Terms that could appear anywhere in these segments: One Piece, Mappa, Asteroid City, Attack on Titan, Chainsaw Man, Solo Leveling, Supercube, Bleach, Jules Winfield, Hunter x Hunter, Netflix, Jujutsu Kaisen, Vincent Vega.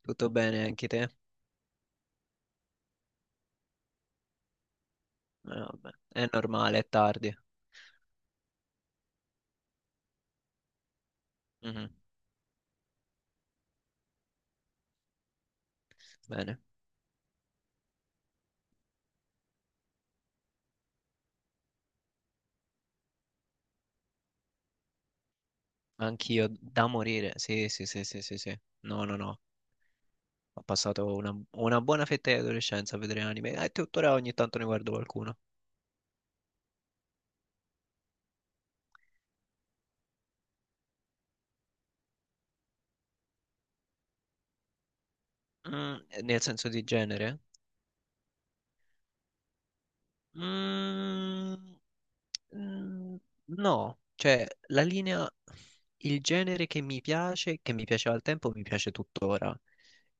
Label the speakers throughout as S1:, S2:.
S1: Tutto bene anche te? Vabbè, è normale, è tardi. Mhm, bene, anch'io da morire. Sì, sì, sì, sì, sì, sì. No, no, no. Ho passato una buona fetta di adolescenza a vedere anime e tuttora ogni tanto ne guardo qualcuno. Mm, Nel senso di genere? Mm, Mm, No, cioè la linea, il genere che mi piace, che mi piaceva al tempo, mi piace tuttora.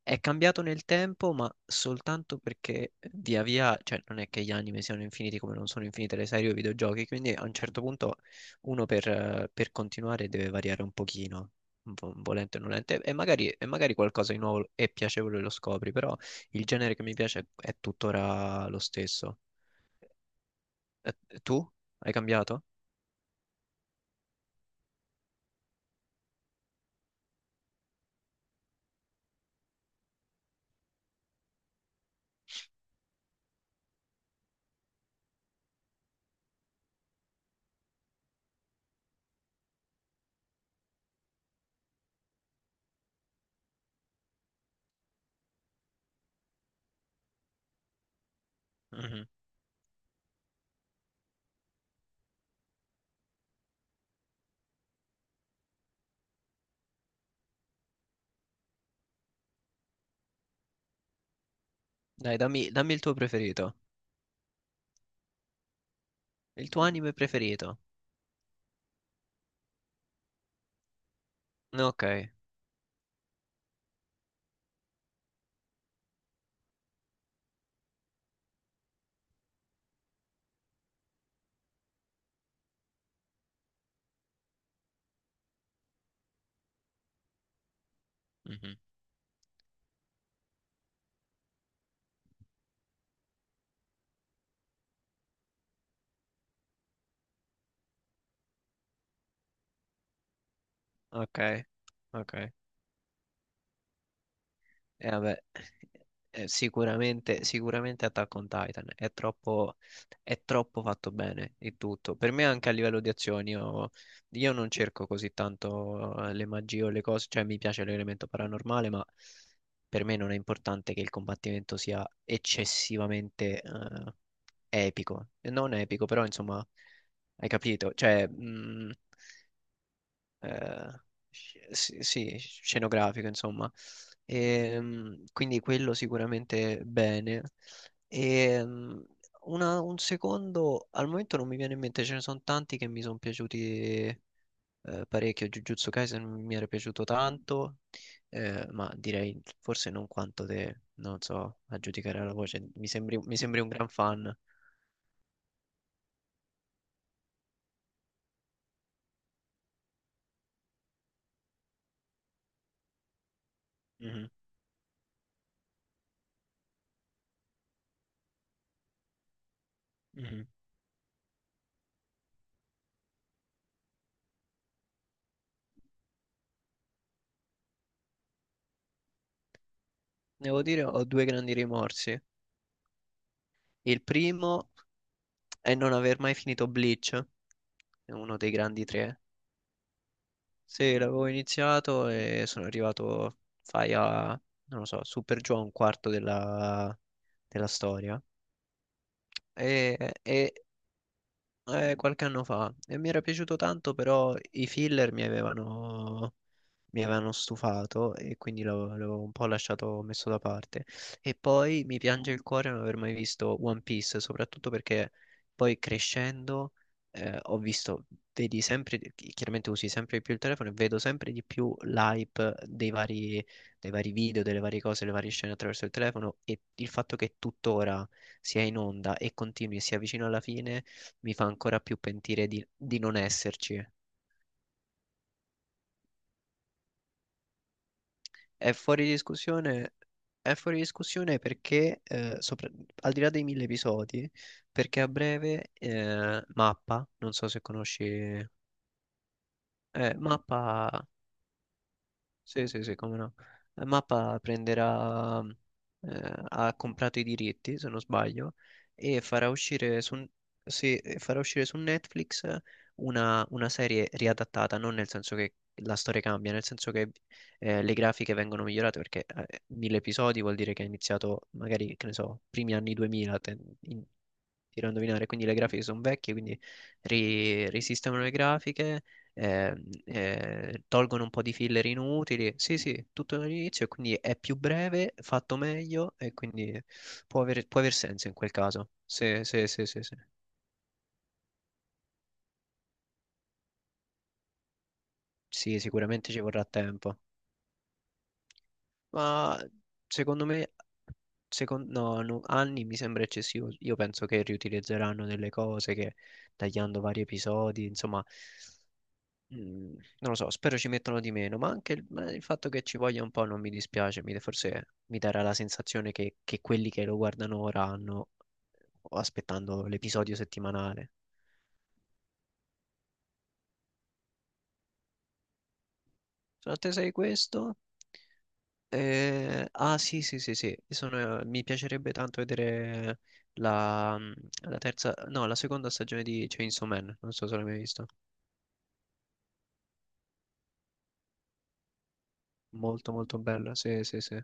S1: È cambiato nel tempo, ma soltanto perché via via, cioè non è che gli anime siano infiniti come non sono infinite le serie o i videogiochi, quindi a un certo punto uno per continuare deve variare un pochino, volente o nolente, e magari qualcosa di nuovo e piacevole lo scopri, però il genere che mi piace è tuttora lo stesso. E tu? Hai cambiato? Mhm. Dai, dammi, dammi il tuo preferito. Il tuo anime preferito. Ok. Mhm. Ok. Ok. Vabbè, sicuramente, Attack on Titan è troppo fatto bene il tutto. Per me anche a livello di azioni, io non cerco così tanto le magie o le cose, cioè mi piace l'elemento paranormale, ma per me non è importante che il combattimento sia eccessivamente epico. Non epico, però insomma, hai capito? Cioè, eh, sì, sì, scenografico, insomma. Quindi quello sicuramente bene. Ehm, un secondo, al momento non mi viene in mente, ce ne sono tanti che mi sono piaciuti parecchio. Jujutsu Kaisen mi era piaciuto tanto, ma direi forse non quanto te, non so, a giudicare la voce. Mi sembri un gran fan. Mhm, mhm. Devo dire, ho due grandi rimorsi. Il primo e non aver mai finito Bleach, è uno dei grandi tre. Sì, l'avevo iniziato e sono arrivato, fai a, non lo so, super giù a un quarto della storia. E qualche anno fa e mi era piaciuto tanto, però i filler mi avevano stufato e quindi l'avevo un po' lasciato messo da parte. E poi mi piange il cuore non aver mai visto One Piece, soprattutto perché poi crescendo eh, ho visto, vedi sempre, chiaramente usi sempre di più il telefono e vedo sempre di più l'hype dei vari video, delle varie cose, le varie scene attraverso il telefono e il fatto che tuttora sia in onda e continui e sia vicino alla fine mi fa ancora più pentire di non esserci. È fuori discussione, è fuori discussione perché, al di là dei 1.000 episodi, perché a breve Mappa, non so se conosci, Mappa sì, sì, sì, come no. Mappa prenderà, ha comprato i diritti, se non sbaglio, e farà uscire su, sì, e farà uscire su Netflix una serie riadattata, non nel senso che la storia cambia, nel senso che le grafiche vengono migliorate, perché 1.000 episodi vuol dire che è iniziato magari, che ne so, primi anni 2000, tiro a indovinare, quindi le grafiche sono vecchie, quindi risistemano le grafiche eh, tolgono un po' di filler inutili. Sì, sì, tutto dall'inizio e quindi è più breve, fatto meglio e quindi può aver senso in quel caso. Sì, sì, sì, sì, sì. Sì, sicuramente ci vorrà tempo. Ma secondo me, no, no, anni mi sembra eccessivo. Io penso che riutilizzeranno delle cose che tagliando vari episodi, insomma, Mm, non lo so, spero ci mettono di meno, ma anche ma il fatto che ci voglia un po' non mi dispiace, forse mi darà la sensazione che quelli che lo guardano ora hanno oh, aspettando l'episodio settimanale. Sono in attesa di questo. Ah sì, sì, sì, sì, mi piacerebbe tanto vedere la, mm, la terza, no, la seconda stagione di Chainsaw Man, non so se l'hai mai visto. Molto, molto bella, sì, sì, sì.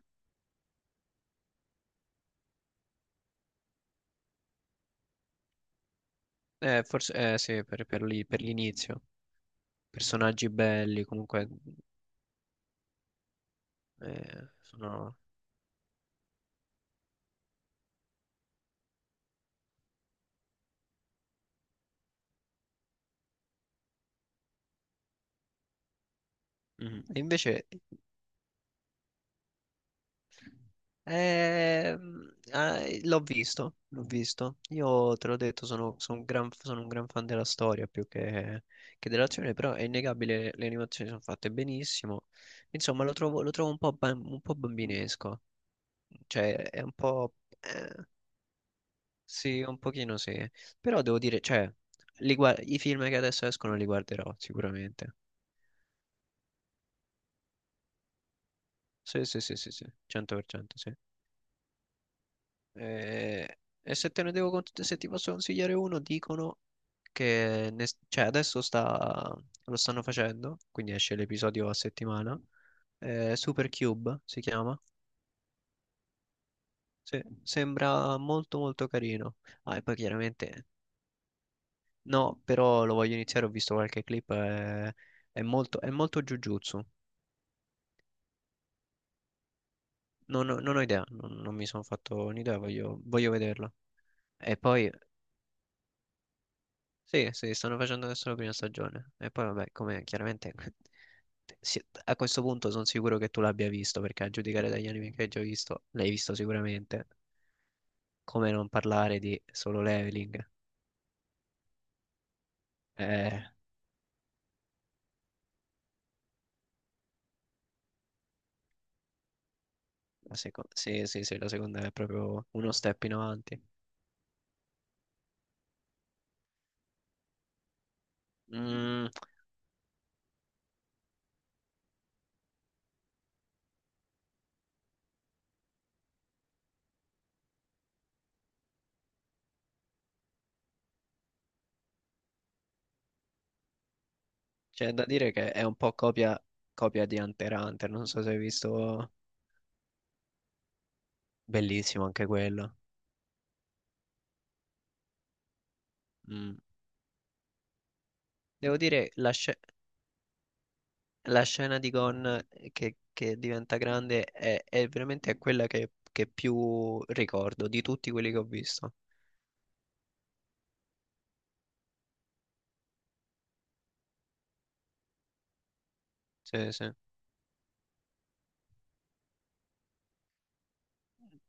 S1: Forse, sì, per l'inizio. Personaggi belli, comunque. Eh, sono- Mm. E invece, l'ho visto, l'ho visto. Io te l'ho detto, sono un gran fan della storia più che dell'azione, però è innegabile, le animazioni sono fatte benissimo. Insomma, lo trovo un po' bambinesco. Cioè, è un po'. Eh, sì, un pochino sì. Però devo dire, cioè, i film che adesso escono li guarderò sicuramente. Sì, sì, sì, sì, sì, 100% sì. E se te ne devo, se ti posso consigliare uno, dicono che cioè lo stanno facendo, quindi esce l'episodio a settimana. Supercube si chiama. Sì, sembra molto molto carino. Ah, e poi chiaramente no, però lo voglio iniziare, ho visto qualche clip, è molto Jujutsu. Non ho idea, non mi sono fatto un'idea, voglio, voglio vederlo. E poi, sì, sì, stanno facendo adesso la prima stagione. E poi, vabbè, come chiaramente a questo punto sono sicuro che tu l'abbia visto, perché a giudicare dagli anime che hai già visto, l'hai visto sicuramente. Come non parlare di Solo Leveling? Eh, sì, sì, sì, la seconda è proprio uno step in avanti. Mm, C'è da dire che è un po' copia, copia di Hunter x Hunter, non so se hai visto, bellissimo anche quello. Mm. Devo dire, la scena. La scena di Gon che diventa grande è veramente quella che più ricordo di tutti quelli che ho visto. Sì, sì.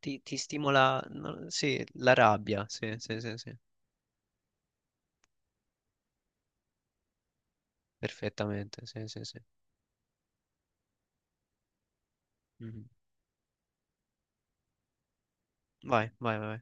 S1: Ti stimola, no, sì, la rabbia, sì, sì, sì, sì, perfettamente, sì, sì, sì. Mhm. Vai, vai, vai.